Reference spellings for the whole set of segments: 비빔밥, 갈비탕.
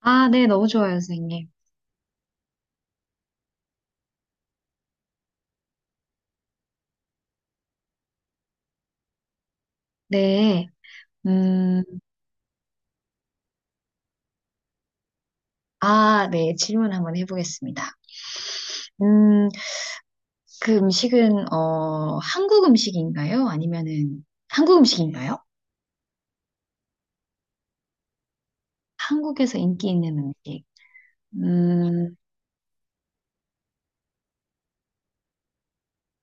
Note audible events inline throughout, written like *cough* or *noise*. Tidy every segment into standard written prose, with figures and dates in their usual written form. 아, 네, 너무 좋아요, 선생님. 네. 음, 아, 네, 질문 한번 해보겠습니다. 음, 그 음식은, 한국 음식인가요? 아니면은, 한국 음식인가요? 한국에서 인기 있는 음식. 음,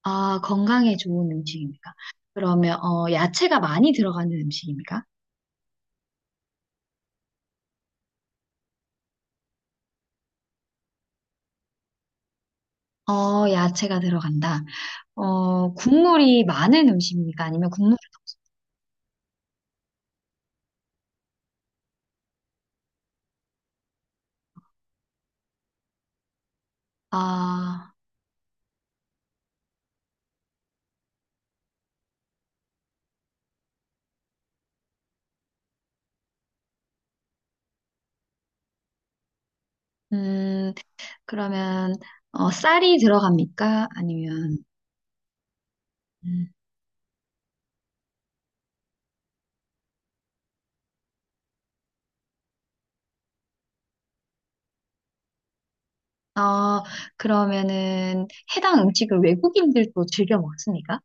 아, 건강에 좋은 음식입니까? 그러면, 야채가 많이 들어가는 음식입니까? 야채가 들어간다. 국물이 많은 음식입니까? 아니면 국물, 아, 음, 그러면 쌀이 들어갑니까? 아니면 음, 어, 그러면은 해당 음식을 외국인들도 즐겨 먹습니까?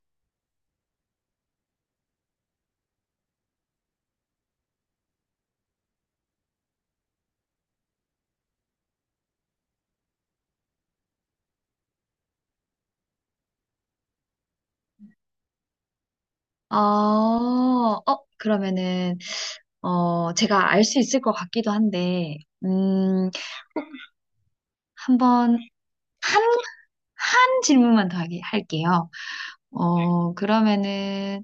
어. 그러면은 제가 알 수 있을 것 같기도 한데. 음, 한번 한, 한 질문만 더 하게 할게요. 그러면은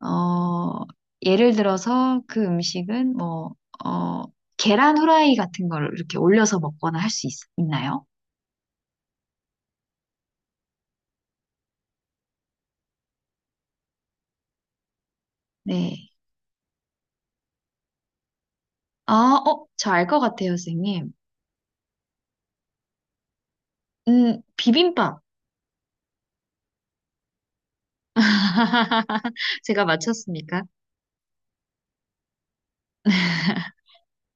어, 예를 들어서 그 음식은 뭐 어, 계란 후라이 같은 걸 이렇게 올려서 먹거나 할 수 있나요? 네. 아, 저 알 것 같아요, 선생님. 비빔밥. *laughs* 제가 맞췄습니까?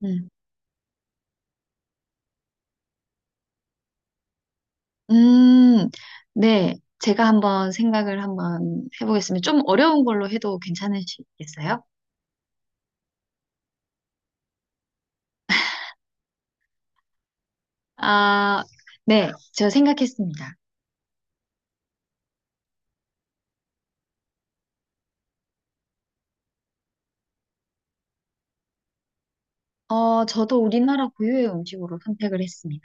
음. 음, 네. 제가 한번 생각을 한번 해보겠습니다. 좀 어려운 걸로 해도 괜찮으시겠어요? 아, 네. 저 생각했습니다. 저도 우리나라 고유의 음식으로 선택을 했습니다.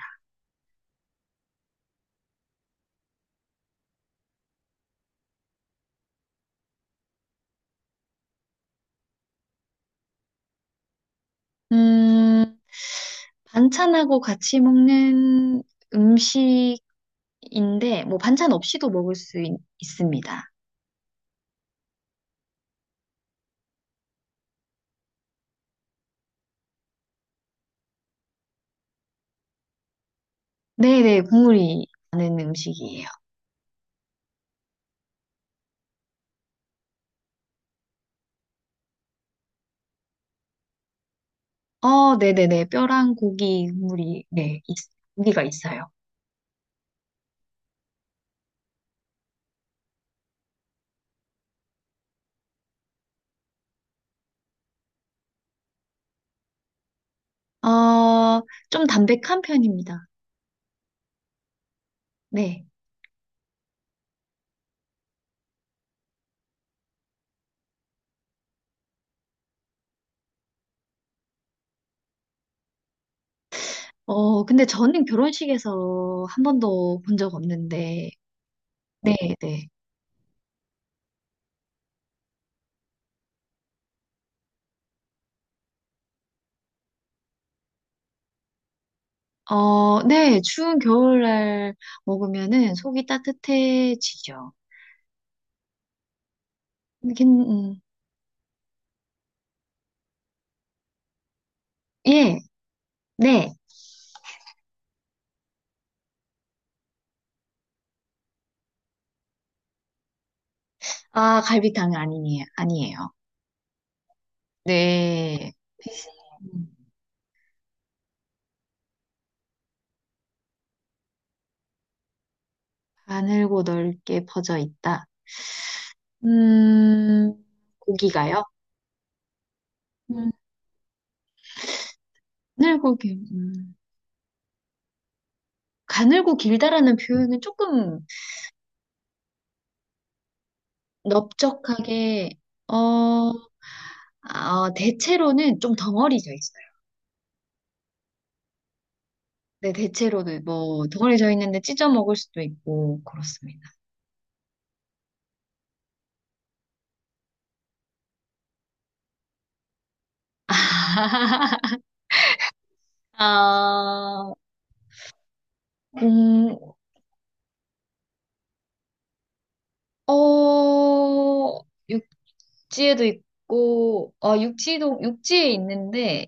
음, 반찬하고 같이 먹는 음식인데, 뭐, 반찬 없이도 먹을 수 있습니다. 네네, 국물이 나는 음식이에요. 어, 네네네, 뼈랑 고기 국물이, 네, 고기가 있어요. 어, 좀 담백한 편입니다. 네. 어, 근데 저는 결혼식에서 한 번도 본 적 없는데. 네네. 어, 네, 추운 겨울날 먹으면은 속이 따뜻해지죠. 긴, 음, 예. 네. 아, 갈비탕 아니에요. 아니에요. 네. 음. 가늘고 넓게 퍼져 있다. 음, 고기가요? 음. 가늘고 길, 음. 가늘고 길다라는 표현은 조금 넓적하게, 어, 아, 대체로는 좀 덩어리져 있어요. 네, 대체로는 뭐, 덩어리져 있는데 찢어 먹을 수도 있고, 그렇습니다. *laughs* 아, 공, 어, 육지에도 있고, 어, 육지에 있는데,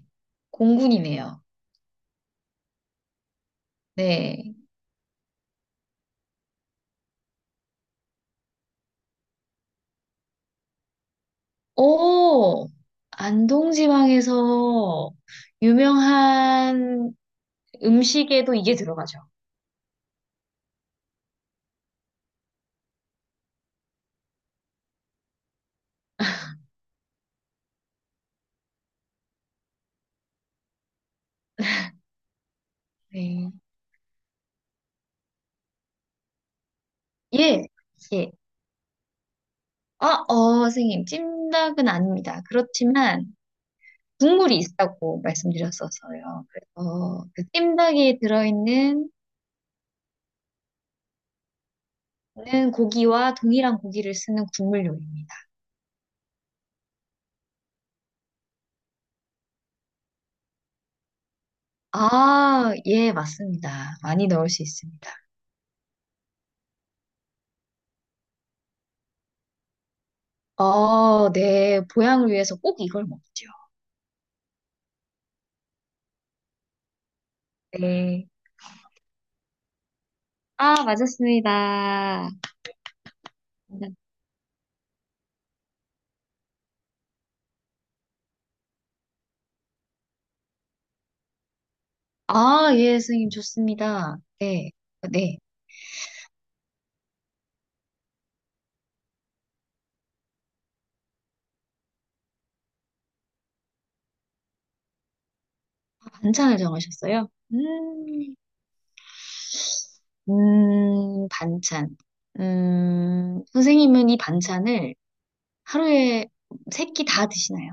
공군이네요. 네. 오, 안동지방에서 유명한 음식에도 이게 들어가죠. 네. 예, 예. 아, 어, 선생님, 찜닭은 아닙니다. 그렇지만 국물이 있다고 말씀드렸었어요. 그래서 그 찜닭에 들어있는 는 고기와 동일한 고기를 쓰는 국물 요리입니다. 아, 예, 맞습니다. 많이 넣을 수 있습니다. 어, 네, 보양을 위해서 꼭 이걸 먹죠. 네. 아, 맞았습니다. 아, 예, 선생님, 좋습니다. 네. 네. 반찬을 정하셨어요? 음. 반찬. 선생님은 이 반찬을 하루에 세끼 다 드시나요?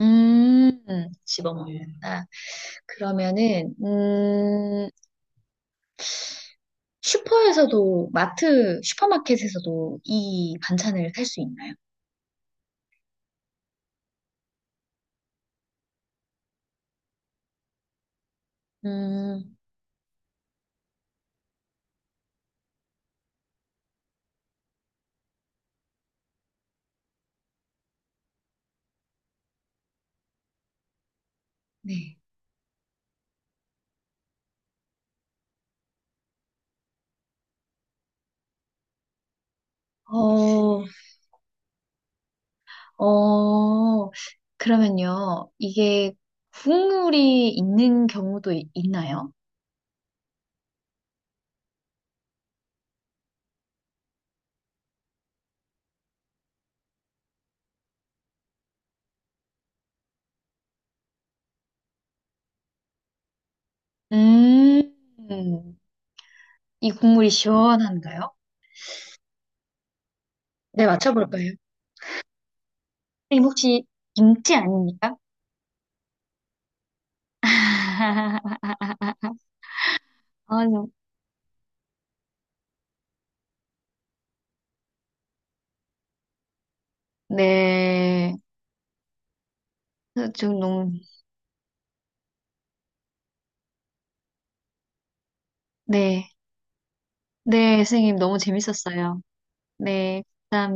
음, 집어 먹는다. 그러면은, 슈퍼에서도, 마트, 슈퍼마켓에서도 이 반찬을 살 수 있나요? 음, 네. 어, 어, 그러면요. 이게 국물이 있는 경우도 이- 있나요? 음, 이 국물이 시원한가요? 네, 맞춰볼까요? 선생님 혹시 김치 아닙니까? *laughs* 아, 좀- 네. 좀 너무, 네. 네, 선생님 너무 재밌었어요. 네. 감사합니다.